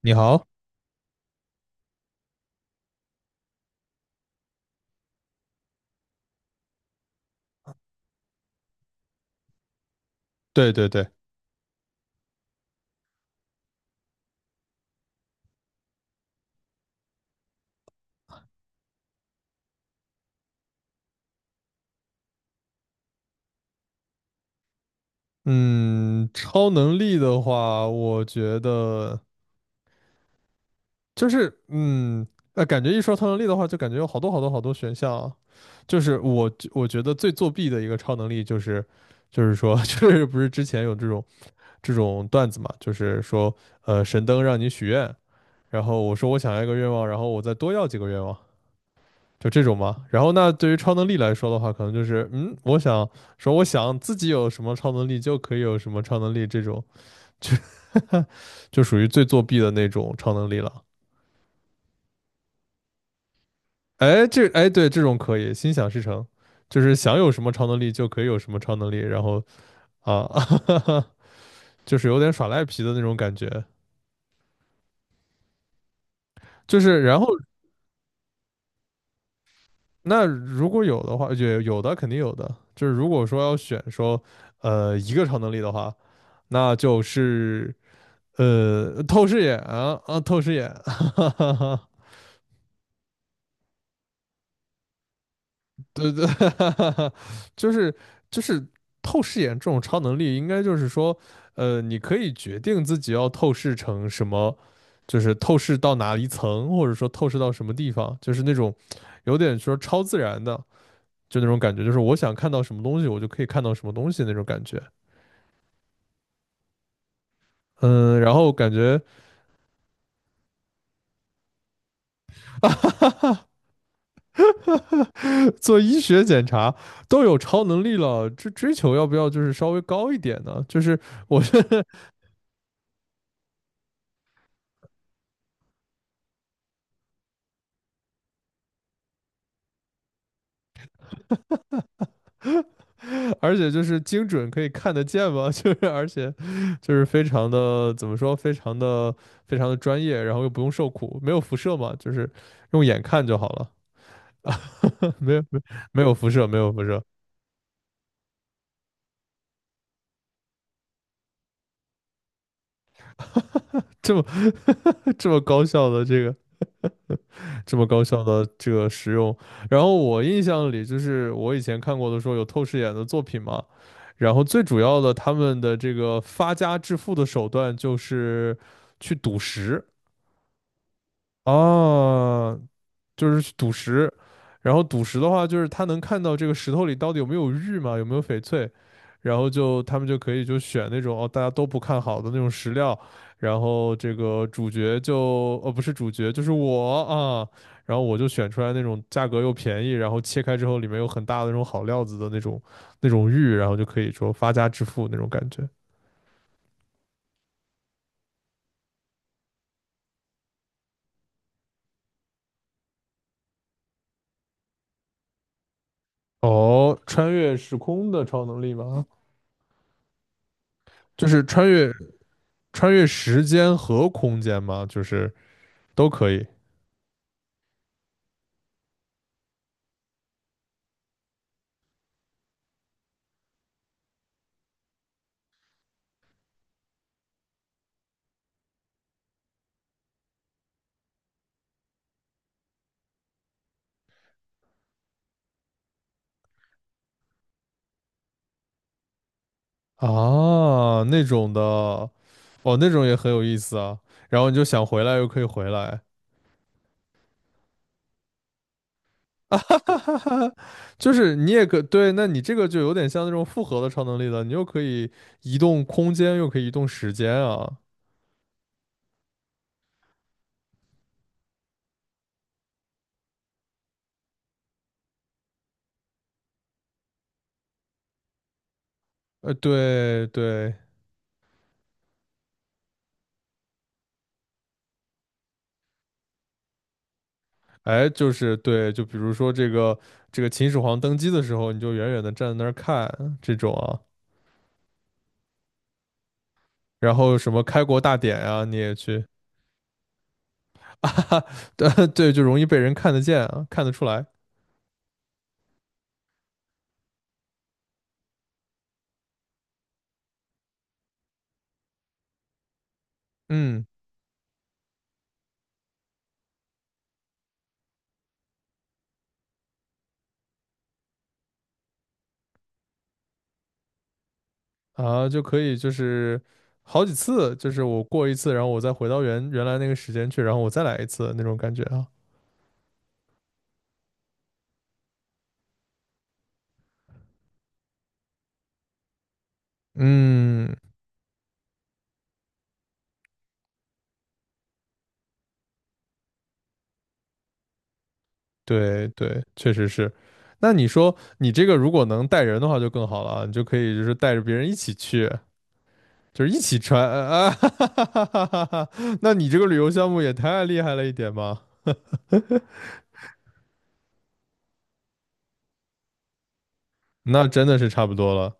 你好。对对对。嗯，超能力的话，我觉得就是，感觉一说超能力的话，就感觉有好多好多好多选项啊。就是我觉得最作弊的一个超能力就是，就是说，就是不是之前有这种段子嘛，就是说，神灯让你许愿，然后我说我想要一个愿望，然后我再多要几个愿望，就这种嘛。然后那对于超能力来说的话，可能就是，我想说我想自己有什么超能力就可以有什么超能力这种。就 就属于最作弊的那种超能力了。哎，这哎对，这种可以心想事成，就是想有什么超能力就可以有什么超能力，然后啊，就是有点耍赖皮的那种感觉。就是然后那如果有的话，也有的肯定有的。就是如果说要选说一个超能力的话，那就是透视眼，对对，就是就是透视眼这种超能力，应该就是说，你可以决定自己要透视成什么，就是透视到哪一层，或者说透视到什么地方，就是那种有点说超自然的，就那种感觉，就是我想看到什么东西，我就可以看到什么东西那种感觉。嗯，然后感觉 做医学检查都有超能力了，这追求要不要就是稍微高一点呢？就是我 觉得。而且就是精准可以看得见嘛，就是而且就是非常的怎么说，非常的非常的专业，然后又不用受苦，没有辐射嘛，就是用眼看就好了。没有没没有辐射，没有辐射。这么这么高效的这个这么高效的这个使用。然后我印象里就是我以前看过的说有透视眼的作品嘛，然后最主要的他们的这个发家致富的手段就是去赌石。啊。就是赌石，然后赌石的话，就是他能看到这个石头里到底有没有玉嘛，有没有翡翠，然后就他们就可以就选那种哦大家都不看好的那种石料，然后这个主角就不是主角就是我啊，然后我就选出来那种价格又便宜，然后切开之后里面有很大的那种好料子的那种玉，然后就可以说发家致富那种感觉。哦，穿越时空的超能力吗？就是穿越时间和空间吗？就是。都可以啊，那种的，哦，那种也很有意思啊。然后你就想回来又可以回来，哈哈哈，就是你也可对，那你这个就有点像那种复合的超能力了，你又可以移动空间，又可以移动时间啊。对对，哎，就是对，就比如说这个秦始皇登基的时候，你就远远的站在那儿看这种啊，然后什么开国大典呀，你也去 啊，对对，就容易被人看得见啊，看得出来，嗯。啊，就可以就是好几次，就是我过一次，然后我再回到原来那个时间去，然后我再来一次那种感觉啊。嗯，对对，确实是。那你说你这个如果能带人的话就更好了啊，你就可以就是带着别人一起去，就是一起穿啊，哈哈哈哈哈哈。那你这个旅游项目也太厉害了一点吧？那真的是差不多了，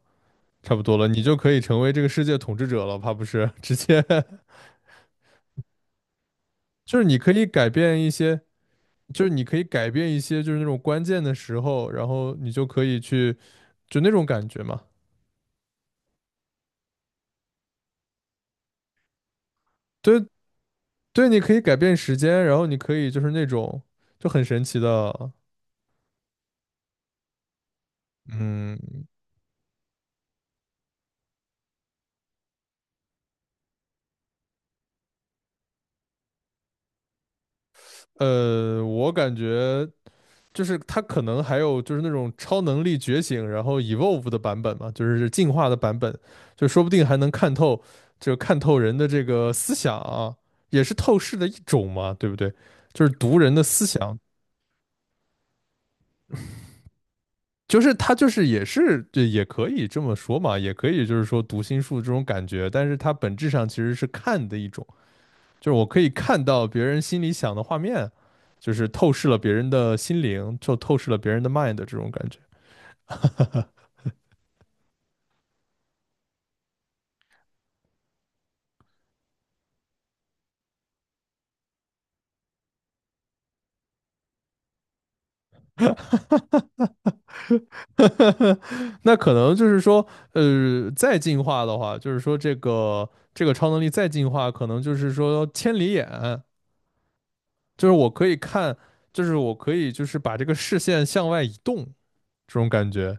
差不多了，你就可以成为这个世界统治者了，怕不是？直接 就是你可以改变一些。就是你可以改变一些，就是那种关键的时候，然后你就可以去，就那种感觉嘛。对对，你可以改变时间，然后你可以就是那种就很神奇的。嗯我感觉就是它可能还有就是那种超能力觉醒，然后 evolve 的版本嘛，就是进化的版本，就说不定还能看透，就看透人的这个思想啊，也是透视的一种嘛，对不对？就是读人的思想。就是他就是也是对，也可以这么说嘛，也可以就是说读心术这种感觉，但是它本质上其实是看的一种，就是我可以看到别人心里想的画面，就是透视了别人的心灵，就透视了别人的 mind 这种感觉。那可能就是说，再进化的话，就是说这个超能力再进化，可能就是说千里眼，就是我可以看，就是我可以就是把这个视线向外移动这种感觉。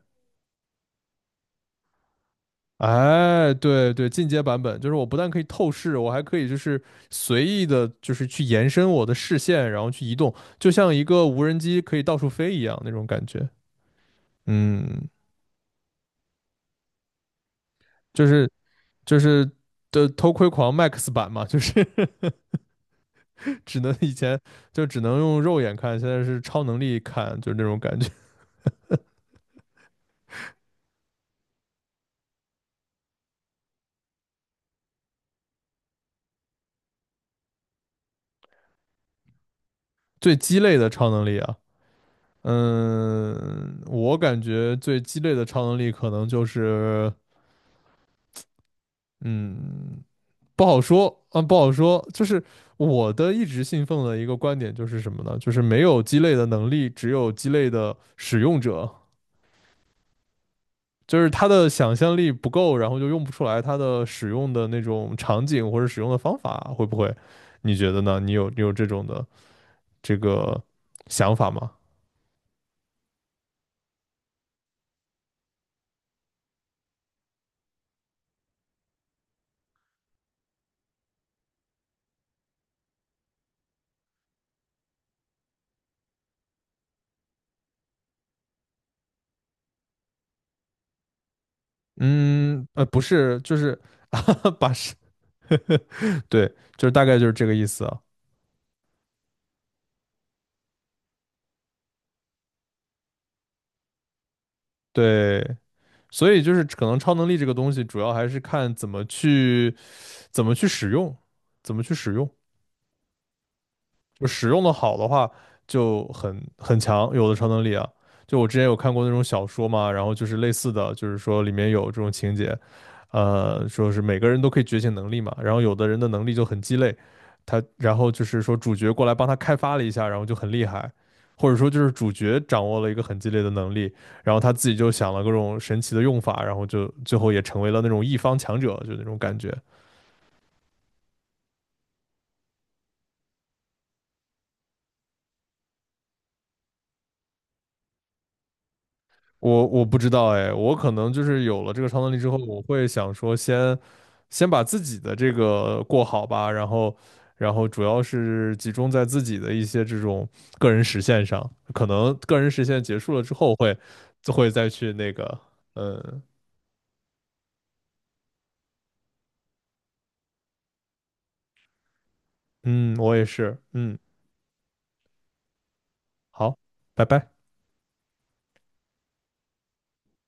哎，对对，进阶版本就是我不但可以透视，我还可以就是随意的，就是去延伸我的视线，然后去移动，就像一个无人机可以到处飞一样那种感觉。嗯，就是就是的偷窥狂 Max 版嘛，就是 只能以前就只能用肉眼看，现在是超能力看，就是那种感觉。最鸡肋的超能力啊，嗯，我感觉最鸡肋的超能力可能就是。嗯，不好说，嗯，不好说。就是我的一直信奉的一个观点就是什么呢？就是没有鸡肋的能力，只有鸡肋的使用者。就是他的想象力不够，然后就用不出来他的使用的那种场景或者使用的方法，会不会？你觉得呢？你有这种的这个想法吗？嗯，不是，就是 把是，对，就是大概就是这个意思啊。对，所以就是可能超能力这个东西，主要还是看怎么去使用，怎么去使用，就使用的好的话就很强，有的超能力啊。就我之前有看过那种小说嘛，然后就是类似的，就是说里面有这种情节，说是每个人都可以觉醒能力嘛，然后有的人的能力就很鸡肋，他然后就是说主角过来帮他开发了一下，然后就很厉害，或者说就是主角掌握了一个很鸡肋的能力，然后他自己就想了各种神奇的用法，然后就最后也成为了那种一方强者，就那种感觉。我不知道哎，我可能就是有了这个超能力之后，我会想说先把自己的这个过好吧，然后主要是集中在自己的一些这种个人实现上，可能个人实现结束了之后会就会再去那个，嗯嗯，我也是，嗯，好，拜拜。